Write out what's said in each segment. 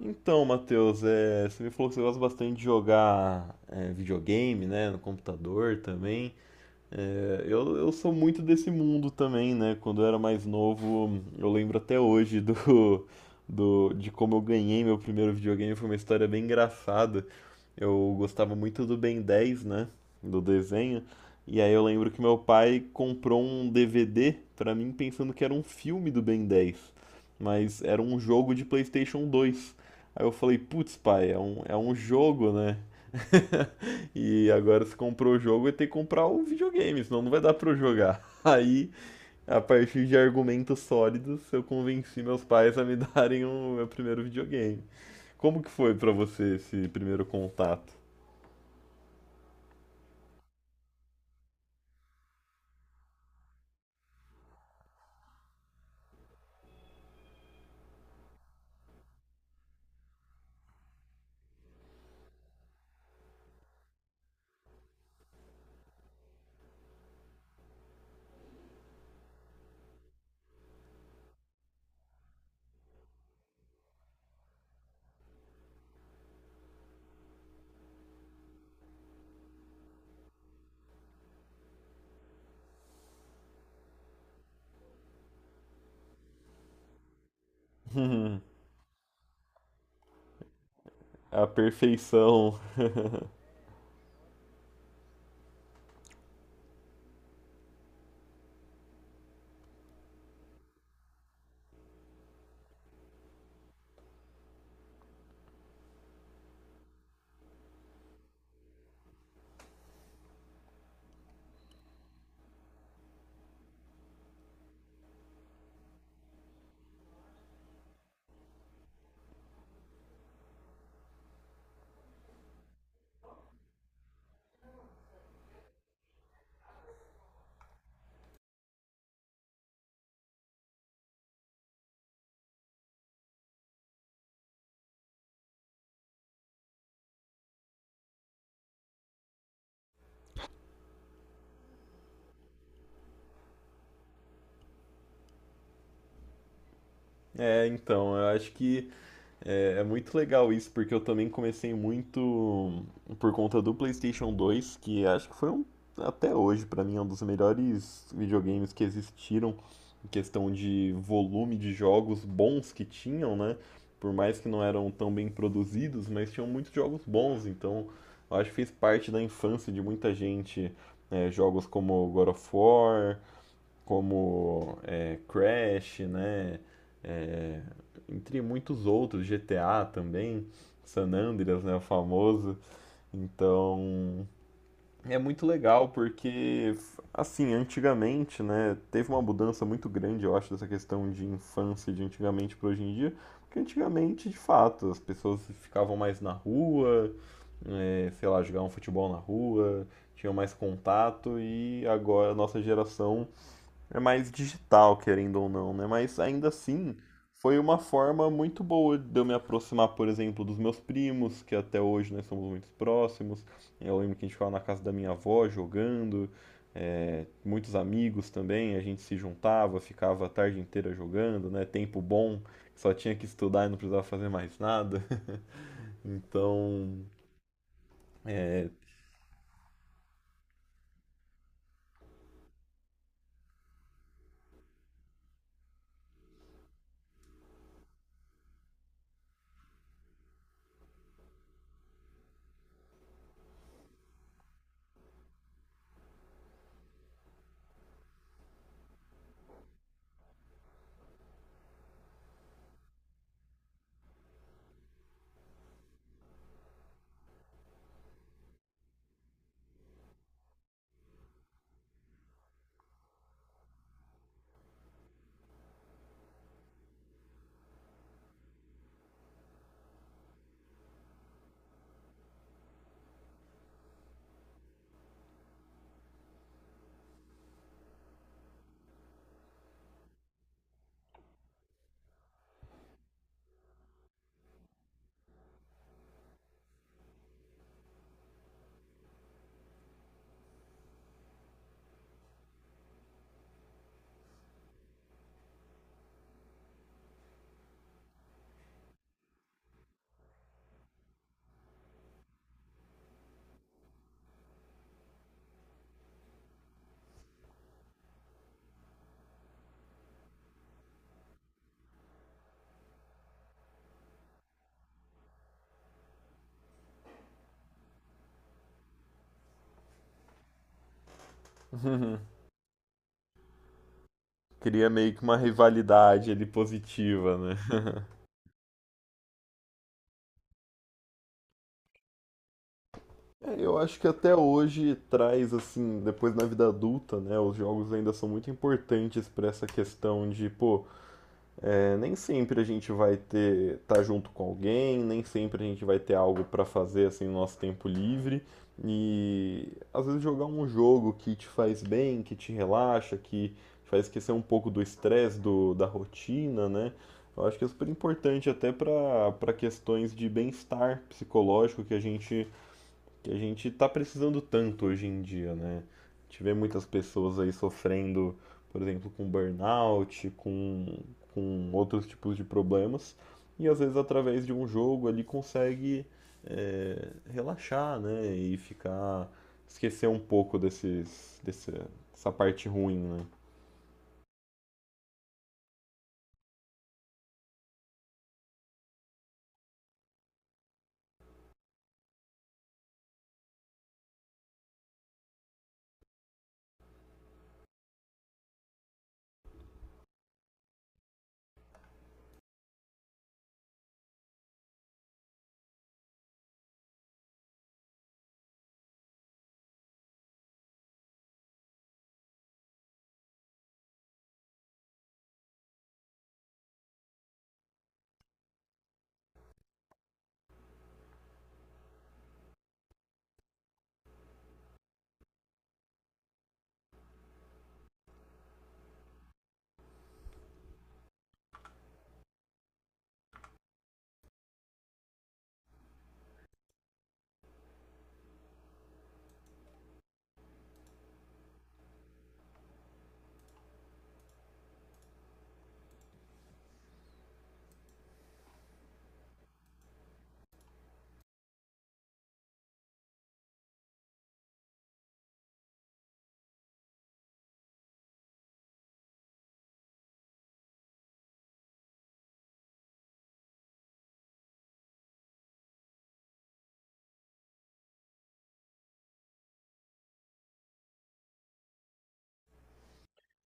Então, Matheus, você me falou que você gosta bastante de jogar videogame, né, no computador também. É, eu sou muito desse mundo também, né? Quando eu era mais novo, eu lembro até hoje de como eu ganhei meu primeiro videogame. Foi uma história bem engraçada. Eu gostava muito do Ben 10, né? Do desenho. E aí eu lembro que meu pai comprou um DVD pra mim pensando que era um filme do Ben 10, mas era um jogo de PlayStation 2. Aí eu falei, putz, pai, é um jogo, né? E agora se comprou o jogo, eu tenho que comprar o videogame, senão não vai dar pra eu jogar. Aí, a partir de argumentos sólidos, eu convenci meus pais a me darem o meu primeiro videogame. Como que foi pra você esse primeiro contato? A perfeição. É, então, eu acho que é muito legal isso, porque eu também comecei muito por conta do PlayStation 2, que acho que foi até hoje, pra mim, é um dos melhores videogames que existiram, em questão de volume de jogos bons que tinham, né? Por mais que não eram tão bem produzidos, mas tinham muitos jogos bons, então eu acho que fez parte da infância de muita gente. É, jogos como God of War, como Crash, né? É, Entre muitos outros, GTA também, San Andreas, né, o famoso. Então, é muito legal porque assim, antigamente, né, teve uma mudança muito grande, eu acho, dessa questão de infância de antigamente para hoje em dia, porque antigamente, de fato, as pessoas ficavam mais na rua, é, sei lá, jogavam futebol na rua, tinham mais contato e agora a nossa geração é mais digital, querendo ou não, né? Mas ainda assim, foi uma forma muito boa de eu me aproximar, por exemplo, dos meus primos, que até hoje nós somos muito próximos. Eu lembro que a gente ficava na casa da minha avó jogando, é, muitos amigos também, a gente se juntava, ficava a tarde inteira jogando, né? Tempo bom, só tinha que estudar e não precisava fazer mais nada. Então, é, cria meio que uma rivalidade ali positiva, né? É, eu acho que até hoje traz, assim, depois na vida adulta, né? Os jogos ainda são muito importantes para essa questão de, pô, é, nem sempre a gente vai ter, tá junto com alguém, nem sempre a gente vai ter algo para fazer, assim, no nosso tempo livre. E às vezes jogar um jogo que te faz bem, que te relaxa, que te faz esquecer um pouco do estresse, da rotina, né? Eu acho que é super importante até para questões de bem-estar psicológico que a gente está precisando tanto hoje em dia, né? A gente vê muitas pessoas aí sofrendo, por exemplo, com burnout, com outros tipos de problemas, e às vezes através de um jogo ele consegue relaxar, né? E ficar, esquecer um pouco dessa parte ruim, né?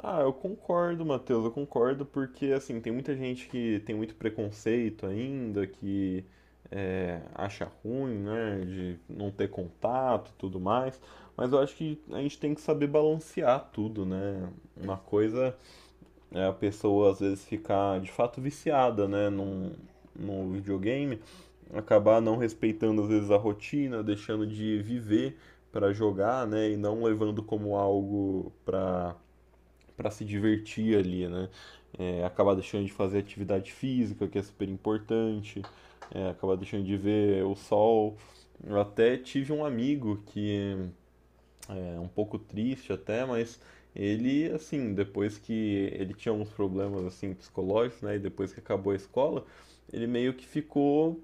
Ah, eu concordo, Matheus, eu concordo, porque assim, tem muita gente que tem muito preconceito ainda, que acha ruim, né, de não ter contato e tudo mais, mas eu acho que a gente tem que saber balancear tudo, né? Uma coisa é a pessoa às vezes ficar de fato viciada, no videogame, acabar não respeitando às vezes a rotina, deixando de viver para jogar, né, e não levando como algo para se divertir ali, né? É, acabar deixando de fazer atividade física, que é super importante, é, acabar deixando de ver o sol. Eu até tive um amigo que é um pouco triste até, mas ele, assim, depois que ele tinha alguns problemas, assim, psicológicos, né? E depois que acabou a escola, ele meio que ficou,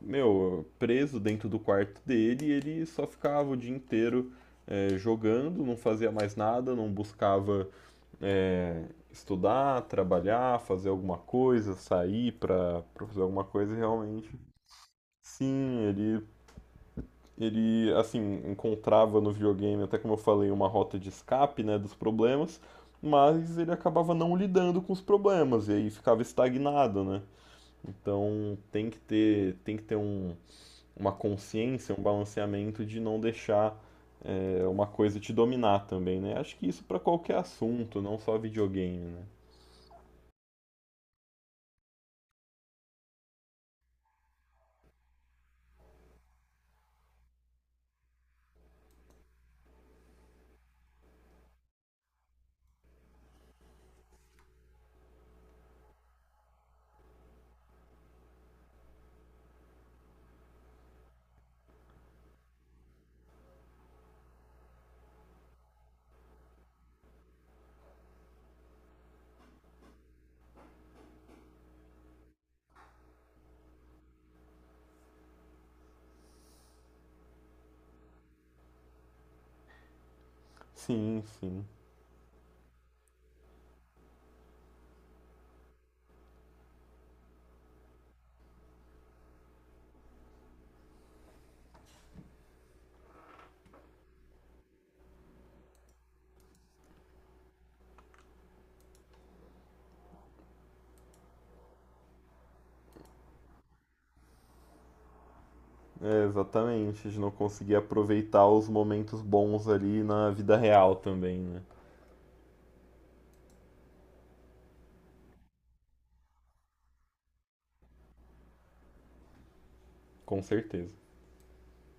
meu, preso dentro do quarto dele e ele só ficava o dia inteiro jogando, não fazia mais nada, não buscava estudar, trabalhar, fazer alguma coisa, sair para pra fazer alguma coisa, realmente. Sim, assim, encontrava no videogame, até como eu falei, uma rota de escape, né, dos problemas, mas ele acabava não lidando com os problemas, e aí ficava estagnado, né? Então tem que ter uma consciência, um balanceamento de não deixar uma coisa te dominar também, né? Acho que isso para qualquer assunto, não só videogame, né? Sim, sim. É, exatamente, de não conseguir aproveitar os momentos bons ali na vida real também, né? Com certeza.